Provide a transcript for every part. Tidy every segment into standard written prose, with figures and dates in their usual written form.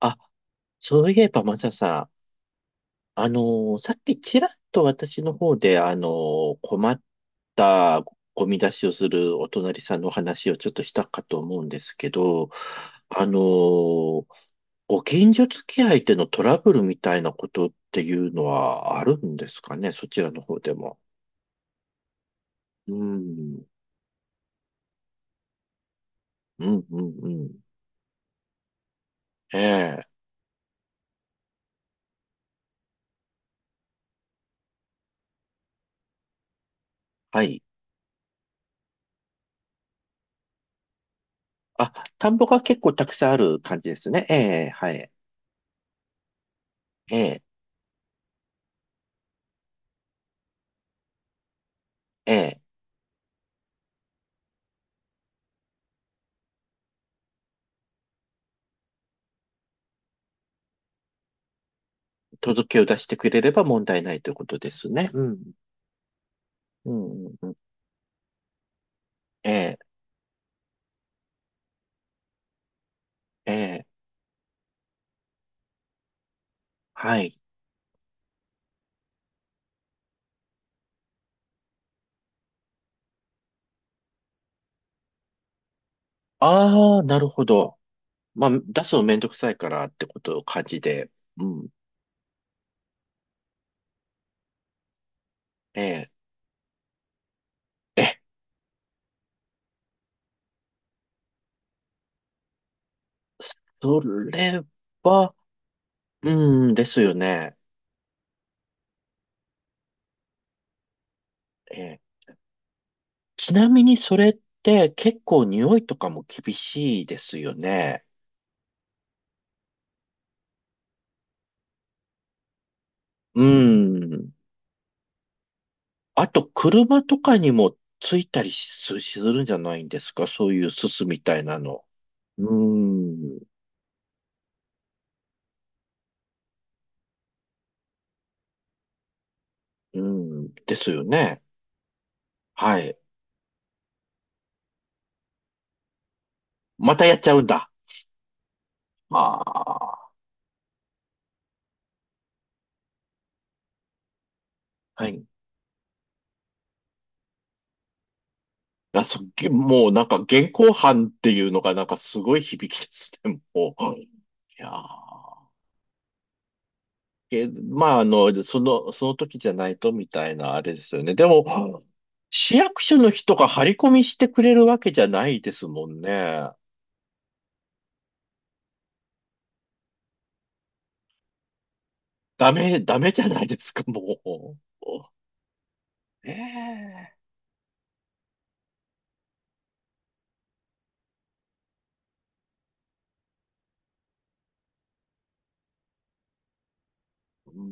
あ、そういえば、マサさん、さっきちらっと私の方で、困ったゴミ出しをするお隣さんのお話をちょっとしたかと思うんですけど、あのーご近所付き合いでのトラブルみたいなことっていうのはあるんですかね、そちらの方でも。うん、うん。ええ、はい。あ、田んぼが結構たくさんある感じですね。ええ、はい。ええ、ええ。届けを出してくれれば問題ないということですね。うん。うん、うん。ええ、ええ、はい。ああ、なるほど。まあ、出すのめんどくさいからってことを感じで。うん。ええ、え、それは、うん、ですよね。ええ。ちなみにそれって結構匂いとかも厳しいですよね。うん。あと、車とかにもついたりすするんじゃないんですかそういうすすみたいなの。うーん、うん、ですよね。はい。またやっちゃうんだ。ああ、はい。あ、そ、げもうなんか現行犯っていうのがなんかすごい響きですね、もう。いやーけ、まあ、あの、その時じゃないとみたいなあれですよね。でも、市役所の人が張り込みしてくれるわけじゃないですもんね。ダメじゃないですか、もう。ねえ。うー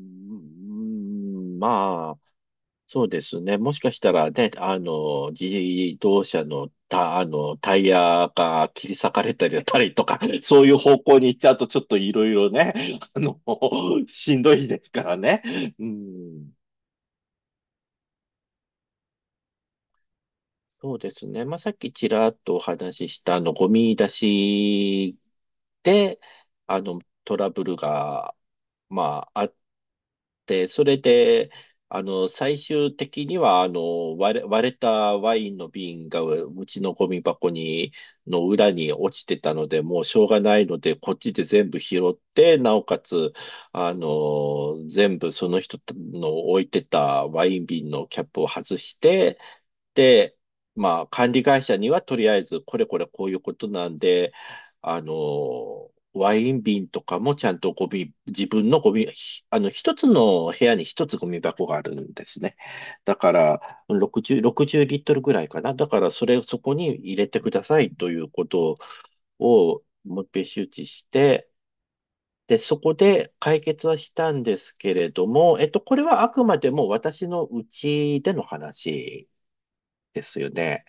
ん、まあ。そうですね。もしかしたらね、あの、自動車のた、あの、タイヤが切り裂かれたりだったりとか、そういう方向に行っちゃうとちょっといろいろね、あの、しんどいですからね。うん。そうですね。まあ、さっきちらっとお話しした、あの、ゴミ出しで、あの、トラブルが、まあ、あっで、それで、あの、最終的には、あの、割れたワインの瓶がうちのゴミ箱に、の裏に落ちてたので、もうしょうがないので、こっちで全部拾って、なおかつ、あの、全部その人の置いてたワイン瓶のキャップを外して、まあ、管理会社にはとりあえず、これこれこういうことなんで、あの、ワイン瓶とかもちゃんとゴミ、自分のゴミ、ひあの、一つの部屋に一つゴミ箱があるんですね。だから、60リットルぐらいかな。だから、それをそこに入れてくださいということを、もう一遍周知して、で、そこで解決はしたんですけれども、えっと、これはあくまでも私のうちでの話ですよね。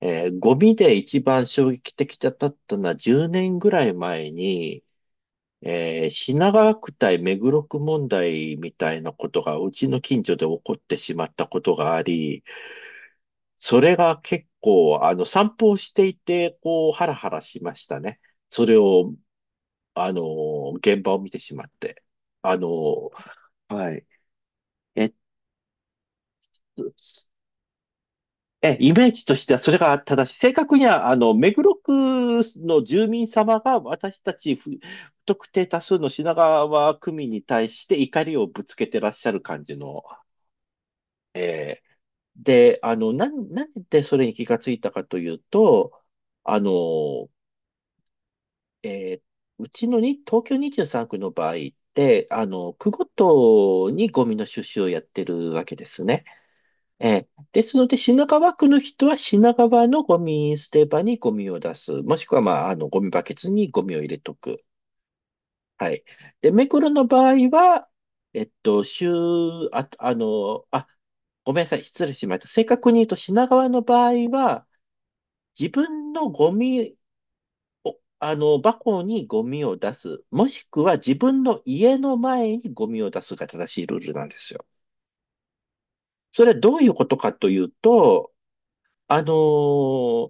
ゴミで一番衝撃的だったのは10年ぐらい前に、品川区対目黒区問題みたいなことがうちの近所で起こってしまったことがあり、それが結構、あの、散歩をしていて、こう、ハラハラしましたね。それを、あの、現場を見てしまって。あの、はい。えっと、え、イメージとしてはそれが正しい。正確には、あの、目黒区の住民様が私たち不特定多数の品川区民に対して怒りをぶつけてらっしゃる感じの、えーで、あの、なんでそれに気がついたかというと、あの、えーうちのに、東京23区の場合って、あの、区ごとにゴミの収集をやってるわけですね。ええ。ですので、品川区の人は品川のゴミ捨て場にゴミを出す。もしくは、まあ、あの、ゴミバケツにゴミを入れとく。はい。で、目黒の場合は、えっと、週、あ、あの、あ、ごめんなさい。失礼しました。正確に言うと、品川の場合は、自分のゴミを、あの、箱にゴミを出す。もしくは、自分の家の前にゴミを出すが正しいルールなんですよ。それはどういうことかというと、あの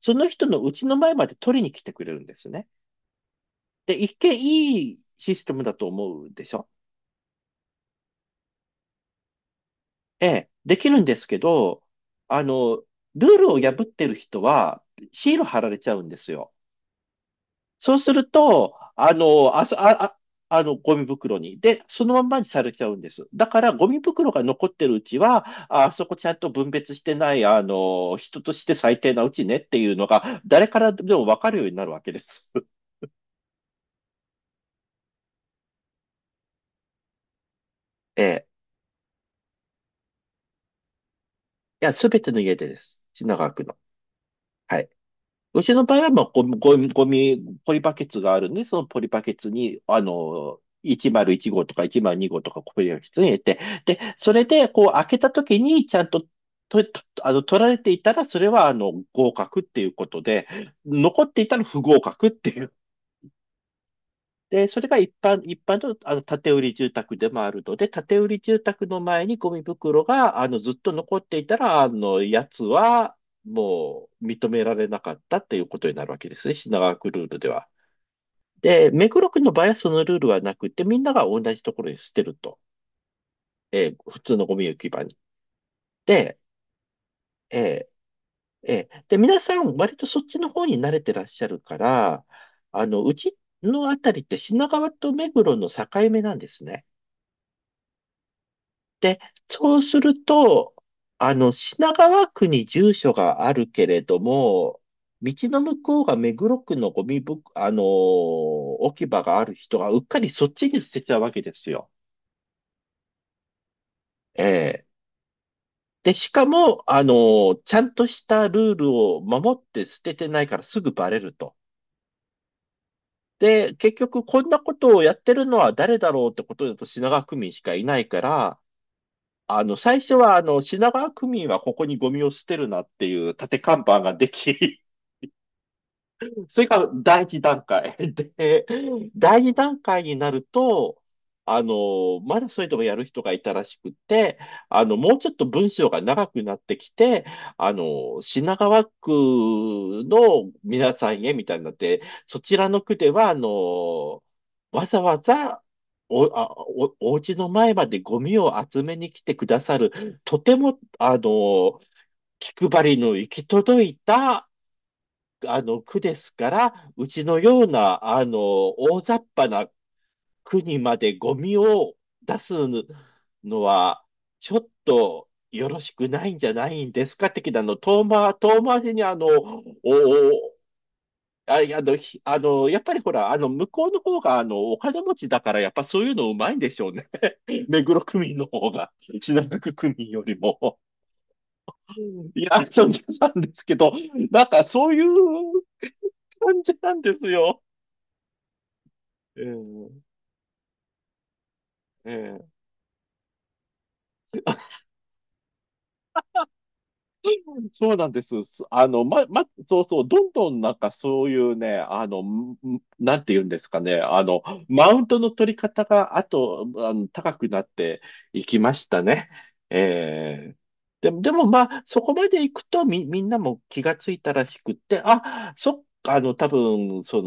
その人の家の前まで取りに来てくれるんですね。で、一見いいシステムだと思うでしょええ、できるんですけど、あの、ルールを破ってる人はシール貼られちゃうんですよ。そうすると、あの、あそ、あ、あ、あの、ゴミ袋に。で、そのまんまにされちゃうんです。だから、ゴミ袋が残ってるうちは、ああそこちゃんと分別してない、あの、人として最低なうちねっていうのが、誰からでもわかるようになるわけです。ええ。や、すべての家でです。品川区の。はい。うちの場合は、まあ、ゴミポリバケツがあるんで、そのポリバケツに、あの、101号とか102号とかポリバケツに入れて、で、それで、こう、開けた時に、ちゃんと、と、とあの、取られていたら、それは、あの、合格っていうことで、残っていたら不合格っていうで、それが一般の、あの、建売り住宅でもあるので、建売り住宅の前にゴミ袋が、あの、ずっと残っていたら、あの、やつは、もう、認められなかったっていうことになるわけですね。品川区ルールでは。で、目黒区の場合はそのルールはなくて、みんなが同じところに捨てると。普通のゴミ置き場に。で、えーで、皆さん、割とそっちの方に慣れてらっしゃるから、あの、うちのあたりって品川と目黒の境目なんですね。で、そうすると、あの、品川区に住所があるけれども、道の向こうが目黒区のゴミぶ、置き場がある人がうっかりそっちに捨てたわけですよ。ええ。で、しかも、ちゃんとしたルールを守って捨ててないからすぐバレると。で、結局こんなことをやってるのは誰だろうってことだと品川区民しかいないから、あの、最初は、あの、品川区民はここにゴミを捨てるなっていう立て看板ができ、それが第一段階。で、第二段階になると、あの、まだそれでもやる人がいたらしくて、あの、もうちょっと文章が長くなってきて、あの、品川区の皆さんへみたいになって、そちらの区では、あの、わざわざ、お、あ、お、お家の前までゴミを集めに来てくださる、とても、あの、気配りの行き届いた、あの区ですから、うちのようなあの大雑把な区にまでゴミを出すのは、ちょっとよろしくないんじゃないんですか的なの、遠回りにあの、おおあ、いやあの、ひあの、やっぱりほら、あの、向こうの方が、あの、お金持ちだから、やっぱそういうのうまいんでしょうね。目黒区民の方が、品川区民よりも。いや、あの、さんですけど、なんかそういう感じなんですよ。ええええそうなんです。すあの、そうそう、どんどんなんかそういうね、あの、んんなんて言うんですかね、あの、マウントの取り方が、あと、あの、高くなっていきましたね。ええでも、でもまあ、そこまで行くとみ、みんなも気がついたらしくって、あ、そっか、あの、多分、そ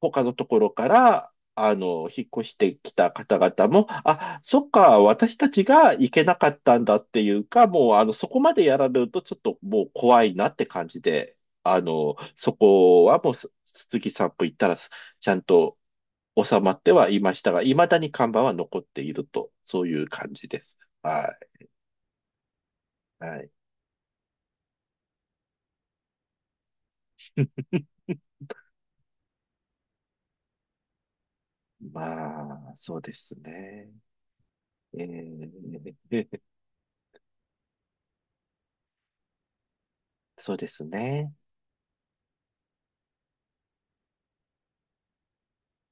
他のところから、あの、引っ越してきた方々も、あ、そっか、私たちが行けなかったんだっていうか、もう、あの、そこまでやられるとちょっともう怖いなって感じで、あの、そこはもう、す杉さん歩行ったらす、ちゃんと収まってはいましたが、未だに看板は残っていると、そういう感じです。はい。はい。まあ、そうですね。えー そうですね。